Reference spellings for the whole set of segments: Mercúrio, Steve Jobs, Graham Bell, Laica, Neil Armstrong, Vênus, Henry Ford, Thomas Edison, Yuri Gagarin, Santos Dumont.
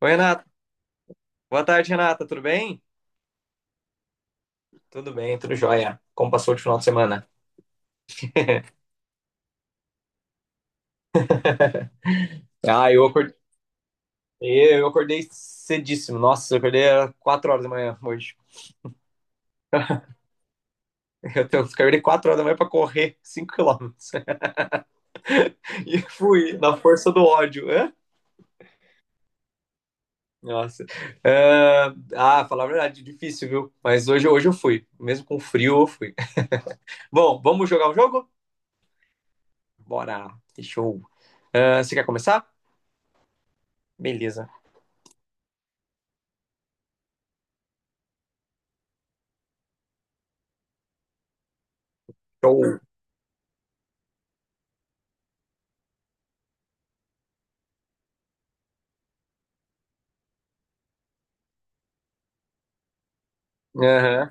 Oi, Renata. Boa tarde, Renata. Tudo bem? Tudo bem, tudo jóia. Como passou o final de semana? Ah, eu acordei cedíssimo. Nossa, eu acordei às 4 horas da manhã hoje. Acordei 4 horas da manhã para correr 5 quilômetros. E fui na força do ódio, né? Nossa. Ah, falar a verdade, difícil, viu? Mas hoje, hoje eu fui. Mesmo com frio, eu fui. Bom, vamos jogar o jogo? Bora. Que show. Ah, você quer começar? Beleza. Show. Aham.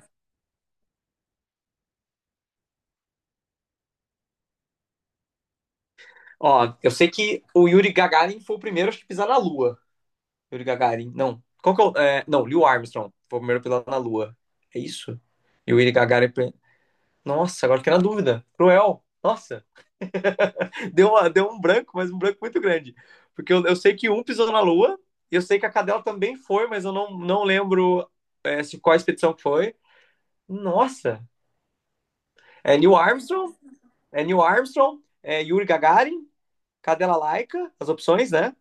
Ó, eu sei que o Yuri Gagarin foi o primeiro acho que, a pisar na Lua. Yuri Gagarin, não. Qual que é o... é, não, Neil Armstrong foi o primeiro a pisar na Lua. É isso? E o Yuri Gagarin... Nossa, agora fiquei na dúvida. Cruel. Nossa, deu um branco, mas um branco muito grande. Porque eu sei que um pisou na Lua, e eu sei que a cadela também foi, mas eu não lembro se qual a expedição que foi. Nossa, é Neil Armstrong, é Neil Armstrong, é Yuri Gagarin, cadela Laica, as opções, né?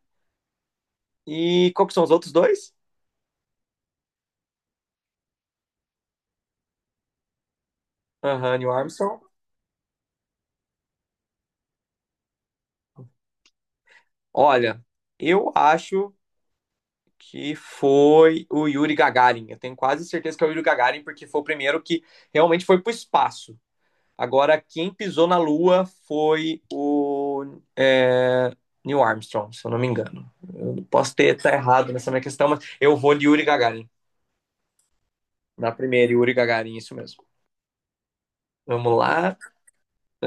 E qual que são os outros dois? Aham, Neil Armstrong. Olha, eu acho que foi o Yuri Gagarin. Eu tenho quase certeza que é o Yuri Gagarin, porque foi o primeiro que realmente foi para o espaço. Agora, quem pisou na Lua foi o é, Neil Armstrong, se eu não me engano. Eu posso ter tá errado nessa minha questão, mas eu vou de Yuri Gagarin. Na primeira, Yuri Gagarin, isso mesmo. Vamos lá.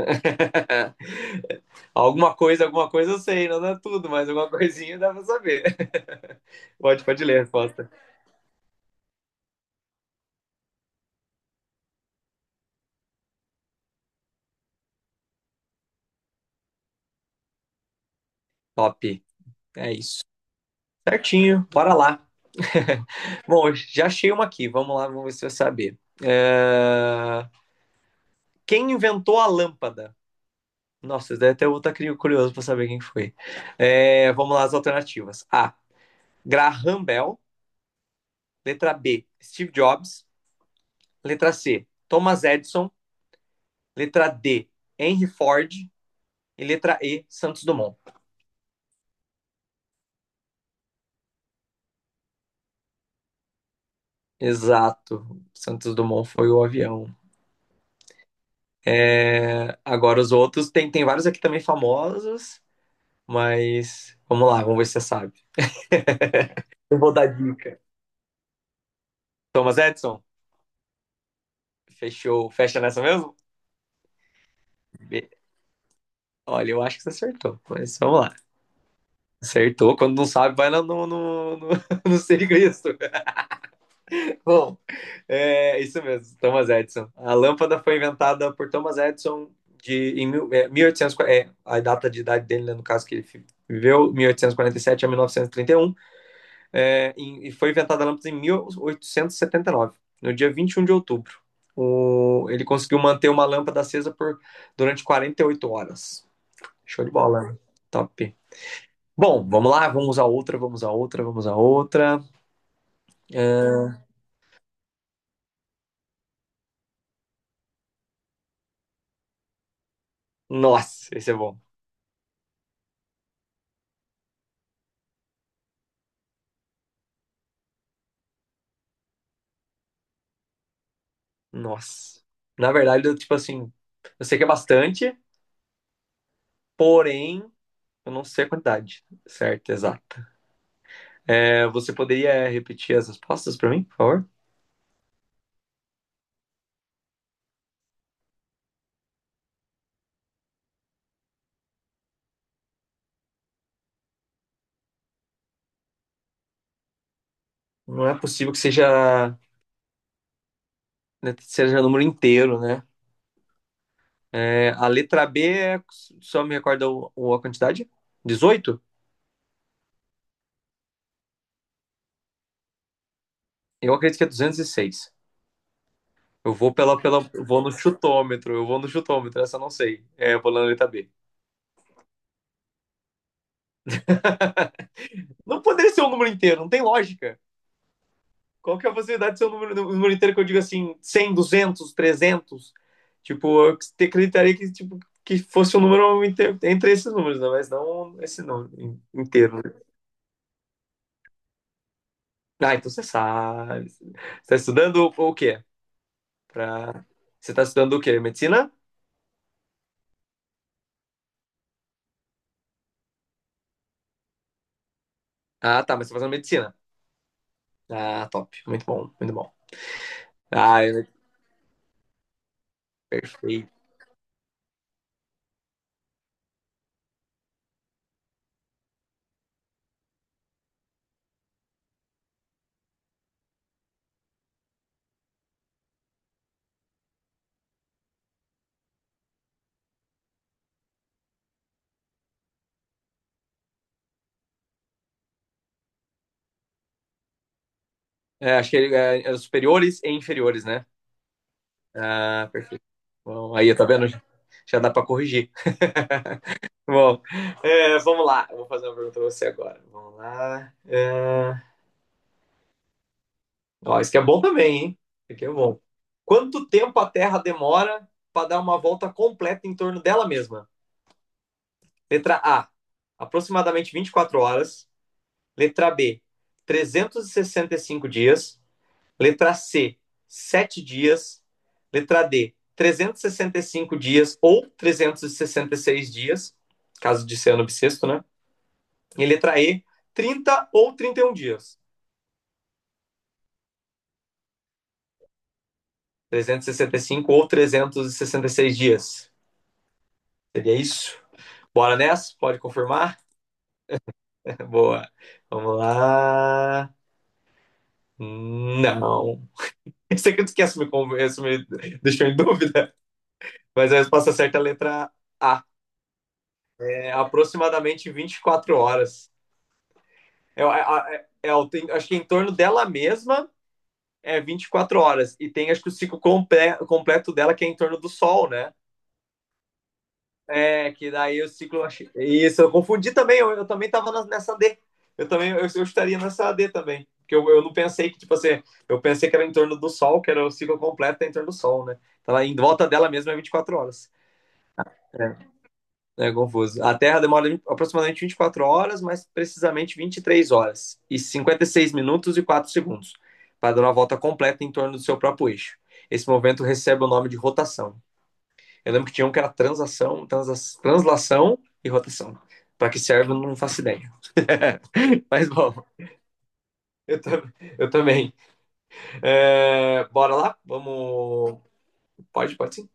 Alguma coisa eu sei, não dá tudo, mas alguma coisinha dá pra saber. Pode ler a resposta. Top. É isso. Certinho, bora lá. Bom, já achei uma aqui. Vamos lá, vamos ver se você vai saber. Quem inventou a lâmpada? Nossa, deve até eu estar curioso para saber quem foi. Vamos lá, as alternativas. A. Graham Bell. Letra B. Steve Jobs. Letra C. Thomas Edison. Letra D. Henry Ford. E letra E. Santos Dumont. Exato. Santos Dumont foi o avião. Agora os outros, tem vários aqui também famosos. Mas vamos lá, vamos ver se você sabe. Eu vou dar dica. Thomas Edison, fecha nessa mesmo? Be- Olha, eu acho que você acertou, mas vamos lá. Acertou, quando não sabe, vai lá no, no serviço. Bom, é isso mesmo, Thomas Edison. A lâmpada foi inventada por Thomas Edison em mil e oitocentos a data de idade dele, né, no caso que viveu, 1847 a mil novecentos e trinta e um é, e foi inventada a lâmpada em mil oitocentos e setenta e nove, no dia 21 de outubro. Ele conseguiu manter uma lâmpada acesa durante 48 horas. Show de bola, né? Top. Bom, vamos lá, vamos a outra, vamos a outra, vamos a outra. É, Nossa, esse é bom. Nossa. Na verdade, eu, tipo assim, eu sei que é bastante, porém, eu não sei a quantidade certa, exata. Você poderia repetir as respostas para mim, por favor? Não é possível que seja número inteiro, né? A letra B, só me recorda a quantidade? Dezoito. Eu acredito que é 206. Eu vou no chutômetro, eu vou no chutômetro, essa eu não sei. Eu vou na letra B. Não poderia ser um número inteiro, não tem lógica. Qual que é a possibilidade de ser um número inteiro que eu digo assim, 100, 200, 300, tipo, acreditaria que, tipo, que fosse um número inteiro, entre esses números, né? Mas não esse número inteiro, né? Ah, então você sabe. Você está estudando o quê? Pra... Você tá estudando o quê? Medicina? Ah, tá, mas você tá fazendo medicina. Ah, top. Muito bom, muito bom. Ah, é perfeito. Acho que é os superiores e inferiores, né? Ah, perfeito. Bom, aí, tá vendo? Já dá pra corrigir. Bom, vamos lá. Eu vou fazer uma pergunta pra você agora. Vamos lá. Ó, isso aqui é bom também, hein? Isso aqui é bom. Quanto tempo a Terra demora para dar uma volta completa em torno dela mesma? Letra A, aproximadamente 24 horas. Letra B, trezentos e sessenta e cinco dias. Letra C, 7 dias. Letra D, trezentos e sessenta e cinco dias ou trezentos e sessenta e seis dias, caso de ser ano bissexto, né? E letra E, 30 ou 31 dias. Trezentos e sessenta e cinco ou trezentos e sessenta e seis dias. Seria isso? Bora nessa? Pode confirmar? Boa. Vamos lá. Não. Esse aqui tu esquece, me deixou em dúvida. Mas a resposta certa é a letra A, aproximadamente 24 horas. Tem, acho que em torno dela mesma é 24 horas. E tem, acho que o ciclo completo dela, que é em torno do Sol, né? Que daí o ciclo. Isso, eu confundi também, eu também estava nessa D. Eu também, eu estaria nessa D também. Porque eu não pensei que, tipo assim, eu pensei que era em torno do Sol, que era o ciclo completo é em torno do Sol, né? Então, em volta dela mesma é 24 horas. É. É confuso. A Terra demora aproximadamente aproximadamente 24 horas, mais precisamente 23 horas e 56 minutos e 4 segundos, para dar uma volta completa em torno do seu próprio eixo. Esse movimento recebe o nome de rotação. Eu lembro que tinha um que era transação, translação e rotação. Para que serve, eu não faço ideia. Mas bom, eu, tam- eu também. Bora lá? Vamos. Pode, pode sim.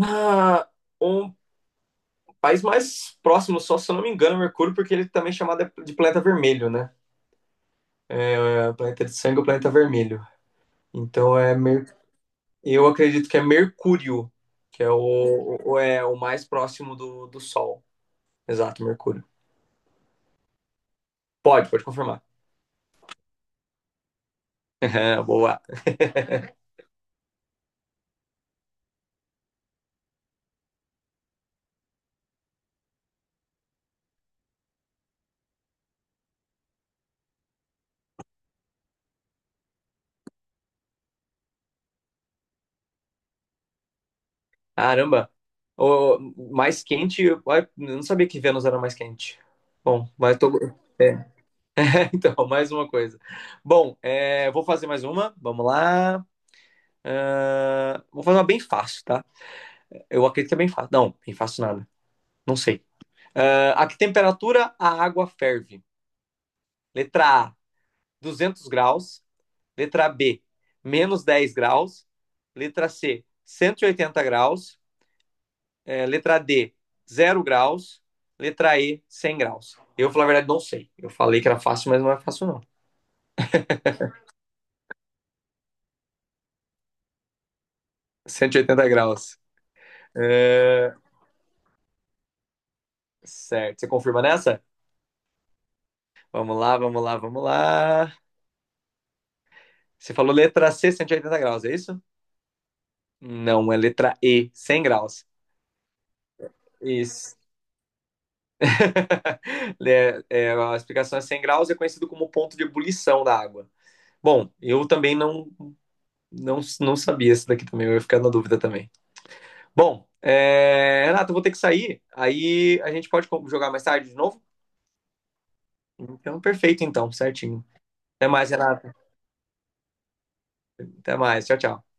Ah, um país mais próximo, só se eu não me engano, é Mercúrio, porque ele também é chamado de planeta vermelho, né? O planeta de sangue é o planeta vermelho. Então é mer... eu acredito que é Mercúrio, que é é o mais próximo do Sol. Exato, Mercúrio. Pode, pode confirmar. Boa. Caramba. O mais quente, eu não sabia que Vênus era mais quente. Bom, mas tô. é, então, mais uma coisa. Bom, vou fazer mais uma. Vamos lá. Ah, vou fazer uma bem fácil, tá? Eu acredito que é bem fácil. Não, bem fácil nada. Não sei. Ah, a que temperatura a água ferve? Letra A, 200 graus. Letra B, -10 graus. Letra C, 180 graus. Letra D, 0 graus. Letra E, 100 graus. Eu, falar a verdade, não sei. Eu falei que era fácil, mas não é fácil, não. 180 graus. É, certo. Você confirma nessa? Vamos lá, vamos lá, vamos lá. Você falou letra C, 180 graus, é isso? Não, é letra E, 100 graus. Isso. A explicação é 100 graus, é conhecido como ponto de ebulição da água. Bom, eu também não, não sabia esse daqui também, eu ia ficar na dúvida também. Bom, Renato, eu vou ter que sair, aí a gente pode jogar mais tarde de novo? Então, perfeito então, certinho. Até mais, Renato. Até mais, tchau, tchau.